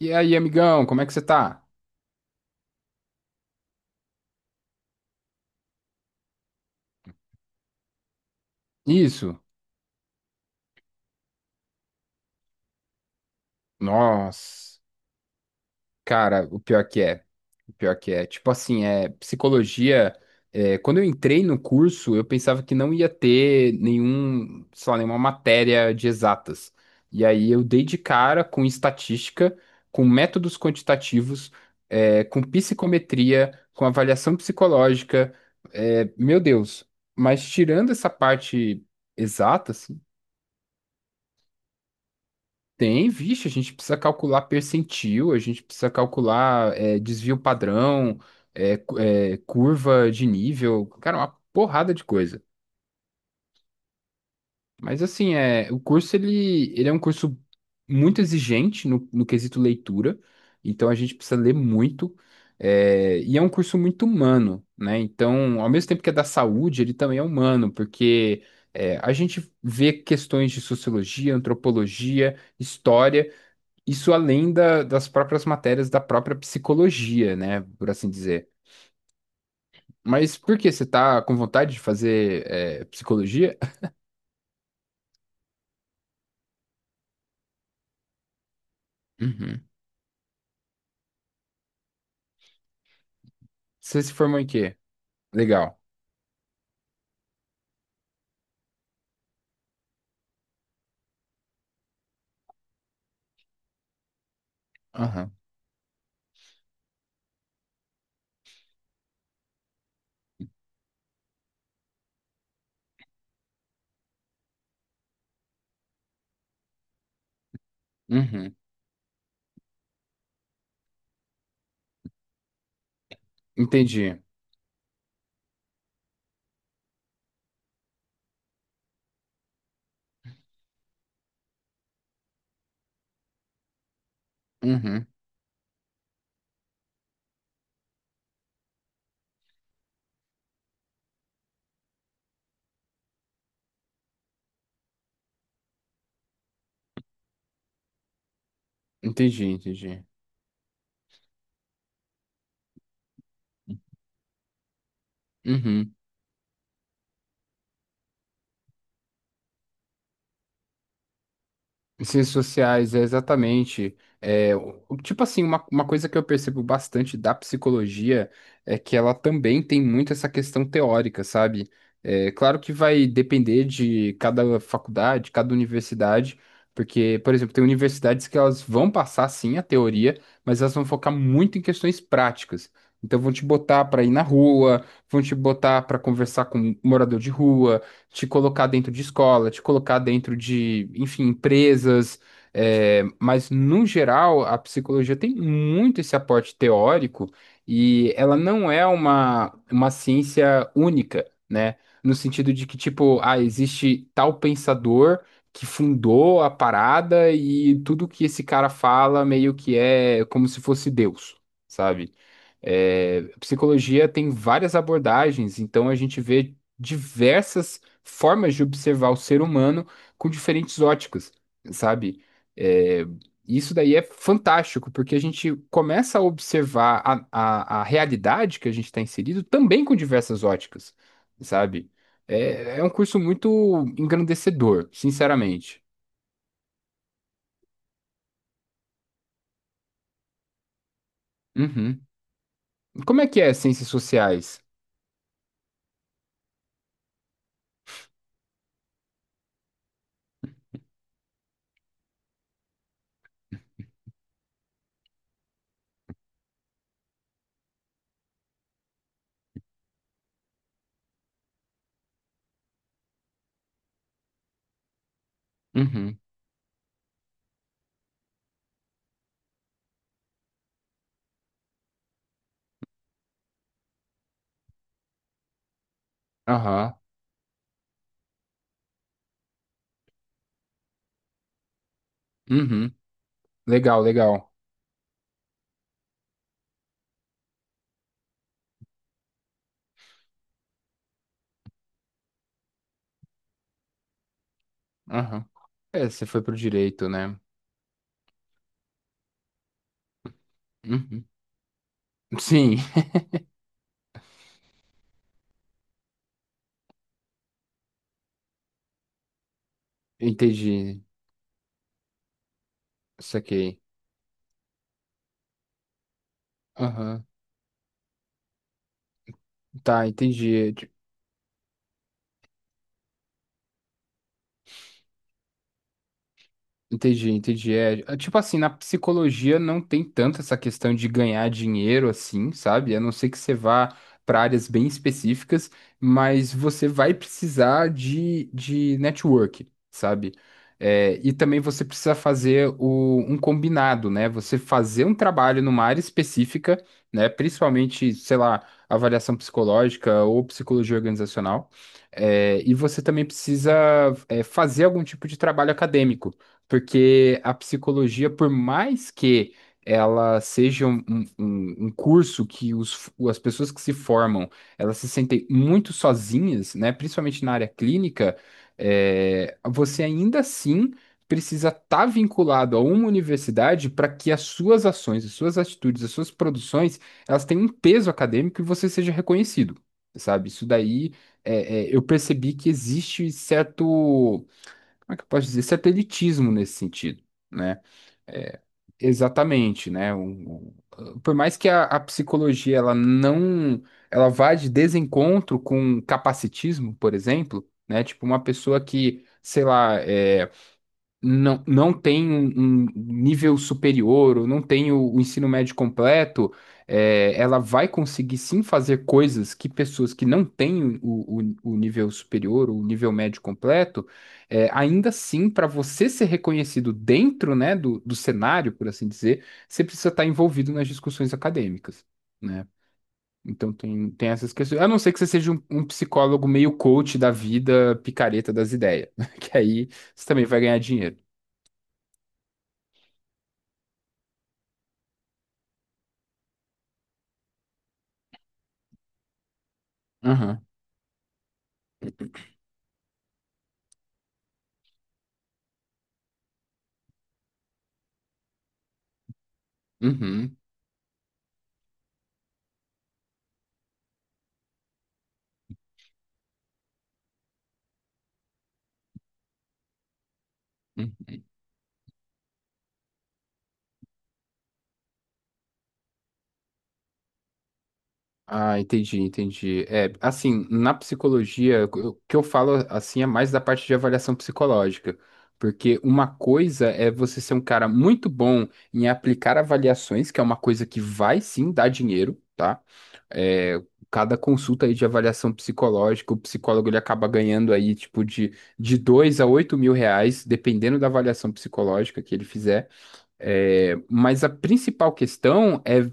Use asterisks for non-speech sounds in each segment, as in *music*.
E aí, amigão, como é que você tá? Isso? Nossa, cara, o pior que é. O pior que é. Tipo assim, é psicologia. Quando eu entrei no curso, eu pensava que não ia ter nenhum, sei lá, nenhuma matéria de exatas. E aí eu dei de cara com estatística, com métodos quantitativos, com psicometria, com avaliação psicológica. É, meu Deus. Mas tirando essa parte exatas. Tem, vixe, a gente precisa calcular percentil, a gente precisa calcular desvio padrão, curva de nível, cara, uma porrada de coisa. Mas assim, o curso ele é um curso muito exigente no quesito leitura, então a gente precisa ler muito, e é um curso muito humano, né? Então, ao mesmo tempo que é da saúde, ele também é humano, porque a gente vê questões de sociologia, antropologia, história. Isso além das próprias matérias da própria psicologia, né? Por assim dizer. Mas por que você tá com vontade de fazer psicologia? Uhum. Você se formou em quê? Legal. Aham. Uhum. Entendi. Uhum. Entendi, entendi. Uhum. Ciências sociais, é exatamente. Tipo assim, uma coisa que eu percebo bastante da psicologia é que ela também tem muito essa questão teórica, sabe? Claro que vai depender de cada faculdade, cada universidade, porque, por exemplo, tem universidades que elas vão passar sim a teoria, mas elas vão focar muito em questões práticas. Então vão te botar para ir na rua, vão te botar para conversar com um morador de rua, te colocar dentro de escola, te colocar dentro de, enfim, empresas. Mas, no geral, a psicologia tem muito esse aporte teórico e ela não é uma ciência única, né? No sentido de que, tipo, ah, existe tal pensador que fundou a parada e tudo que esse cara fala meio que é como se fosse Deus, sabe? Psicologia tem várias abordagens, então a gente vê diversas formas de observar o ser humano com diferentes óticas, sabe? É, isso daí é fantástico, porque a gente começa a observar a realidade que a gente está inserido também com diversas óticas, sabe? É um curso muito engrandecedor, sinceramente. Uhum. Como é que é ciências sociais? Uhum. Aham. Uhum. Legal, legal. Aham. Você foi pro direito, né? Uhum. Sim, *laughs* entendi. Saquei. Aham. Tá, entendi. Entendi, entendi. Tipo assim, na psicologia não tem tanto essa questão de ganhar dinheiro assim, sabe? A não ser que você vá para áreas bem específicas, mas você vai precisar de network, sabe? E também você precisa fazer um combinado, né? Você fazer um trabalho numa área específica, né? Principalmente, sei lá, avaliação psicológica ou psicologia organizacional. E você também precisa, fazer algum tipo de trabalho acadêmico, porque a psicologia, por mais que ela seja um curso que as pessoas que se formam, elas se sentem muito sozinhas, né? Principalmente na área clínica, você ainda assim precisa estar vinculado a uma universidade para que as suas ações, as suas atitudes, as suas produções, elas tenham um peso acadêmico e você seja reconhecido, sabe? Isso daí, eu percebi que existe certo, como é que eu posso dizer, satelitismo nesse sentido, né? Exatamente, né? Por mais que a psicologia ela não, ela vá de desencontro com capacitismo, por exemplo, né? Tipo uma pessoa que, sei lá, não tem um nível superior ou não tem o ensino médio completo, ela vai conseguir sim fazer coisas que pessoas que não têm o nível superior ou o nível médio completo, ainda assim, para você ser reconhecido dentro, né, do cenário, por assim dizer, você precisa estar envolvido nas discussões acadêmicas, né? Então tem essas questões. A não ser que você seja um psicólogo meio coach da vida, picareta das ideias, *laughs* que aí você também vai ganhar dinheiro. Aham. Uhum. Uhum. Ah, entendi, entendi. Assim, na psicologia, o que eu falo assim é mais da parte de avaliação psicológica, porque uma coisa é você ser um cara muito bom em aplicar avaliações, que é uma coisa que vai sim dar dinheiro, tá? É, Cada consulta aí de avaliação psicológica, o psicólogo ele acaba ganhando aí tipo de 2 a 8 mil reais, dependendo da avaliação psicológica que ele fizer. Mas a principal questão é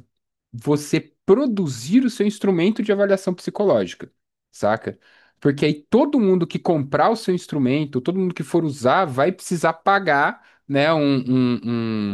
você produzir o seu instrumento de avaliação psicológica, saca? Porque aí todo mundo que comprar o seu instrumento, todo mundo que for usar, vai precisar pagar, né, um,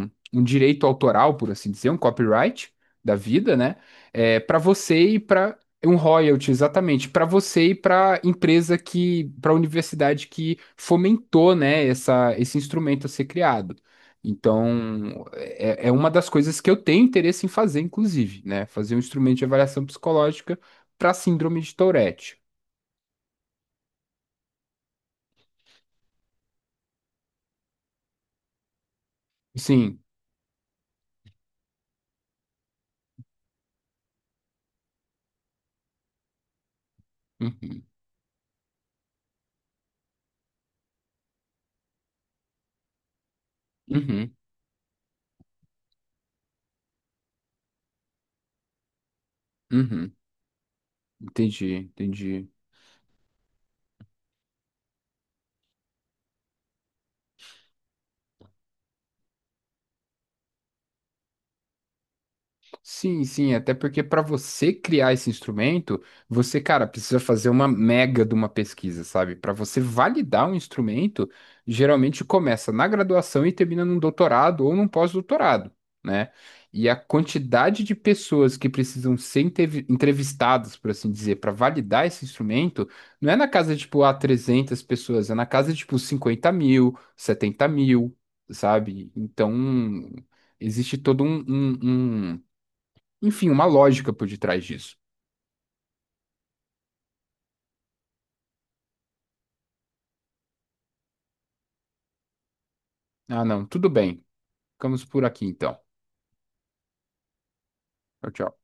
um direito autoral, por assim dizer, um copyright da vida, né, para você e para um royalty, exatamente, para você e para empresa que, para a universidade que fomentou, né, esse instrumento a ser criado. Então, é uma das coisas que eu tenho interesse em fazer, inclusive, né? Fazer um instrumento de avaliação psicológica para síndrome de Tourette. Sim. Uhum. Uhum. Uhum. Entendi, entendi. Sim, sim, até porque para você criar esse instrumento, você, cara, precisa fazer uma mega de uma pesquisa, sabe? Para você validar um instrumento, geralmente começa na graduação e termina num doutorado ou num pós-doutorado, né? E a quantidade de pessoas que precisam ser entrevistadas, por assim dizer, para validar esse instrumento, não é na casa de, tipo, ah, 300 pessoas, é na casa de, tipo, 50 mil, 70 mil, sabe? Então, existe todo enfim, uma lógica por detrás disso. Ah, não, tudo bem. Ficamos por aqui então. Tchau, tchau.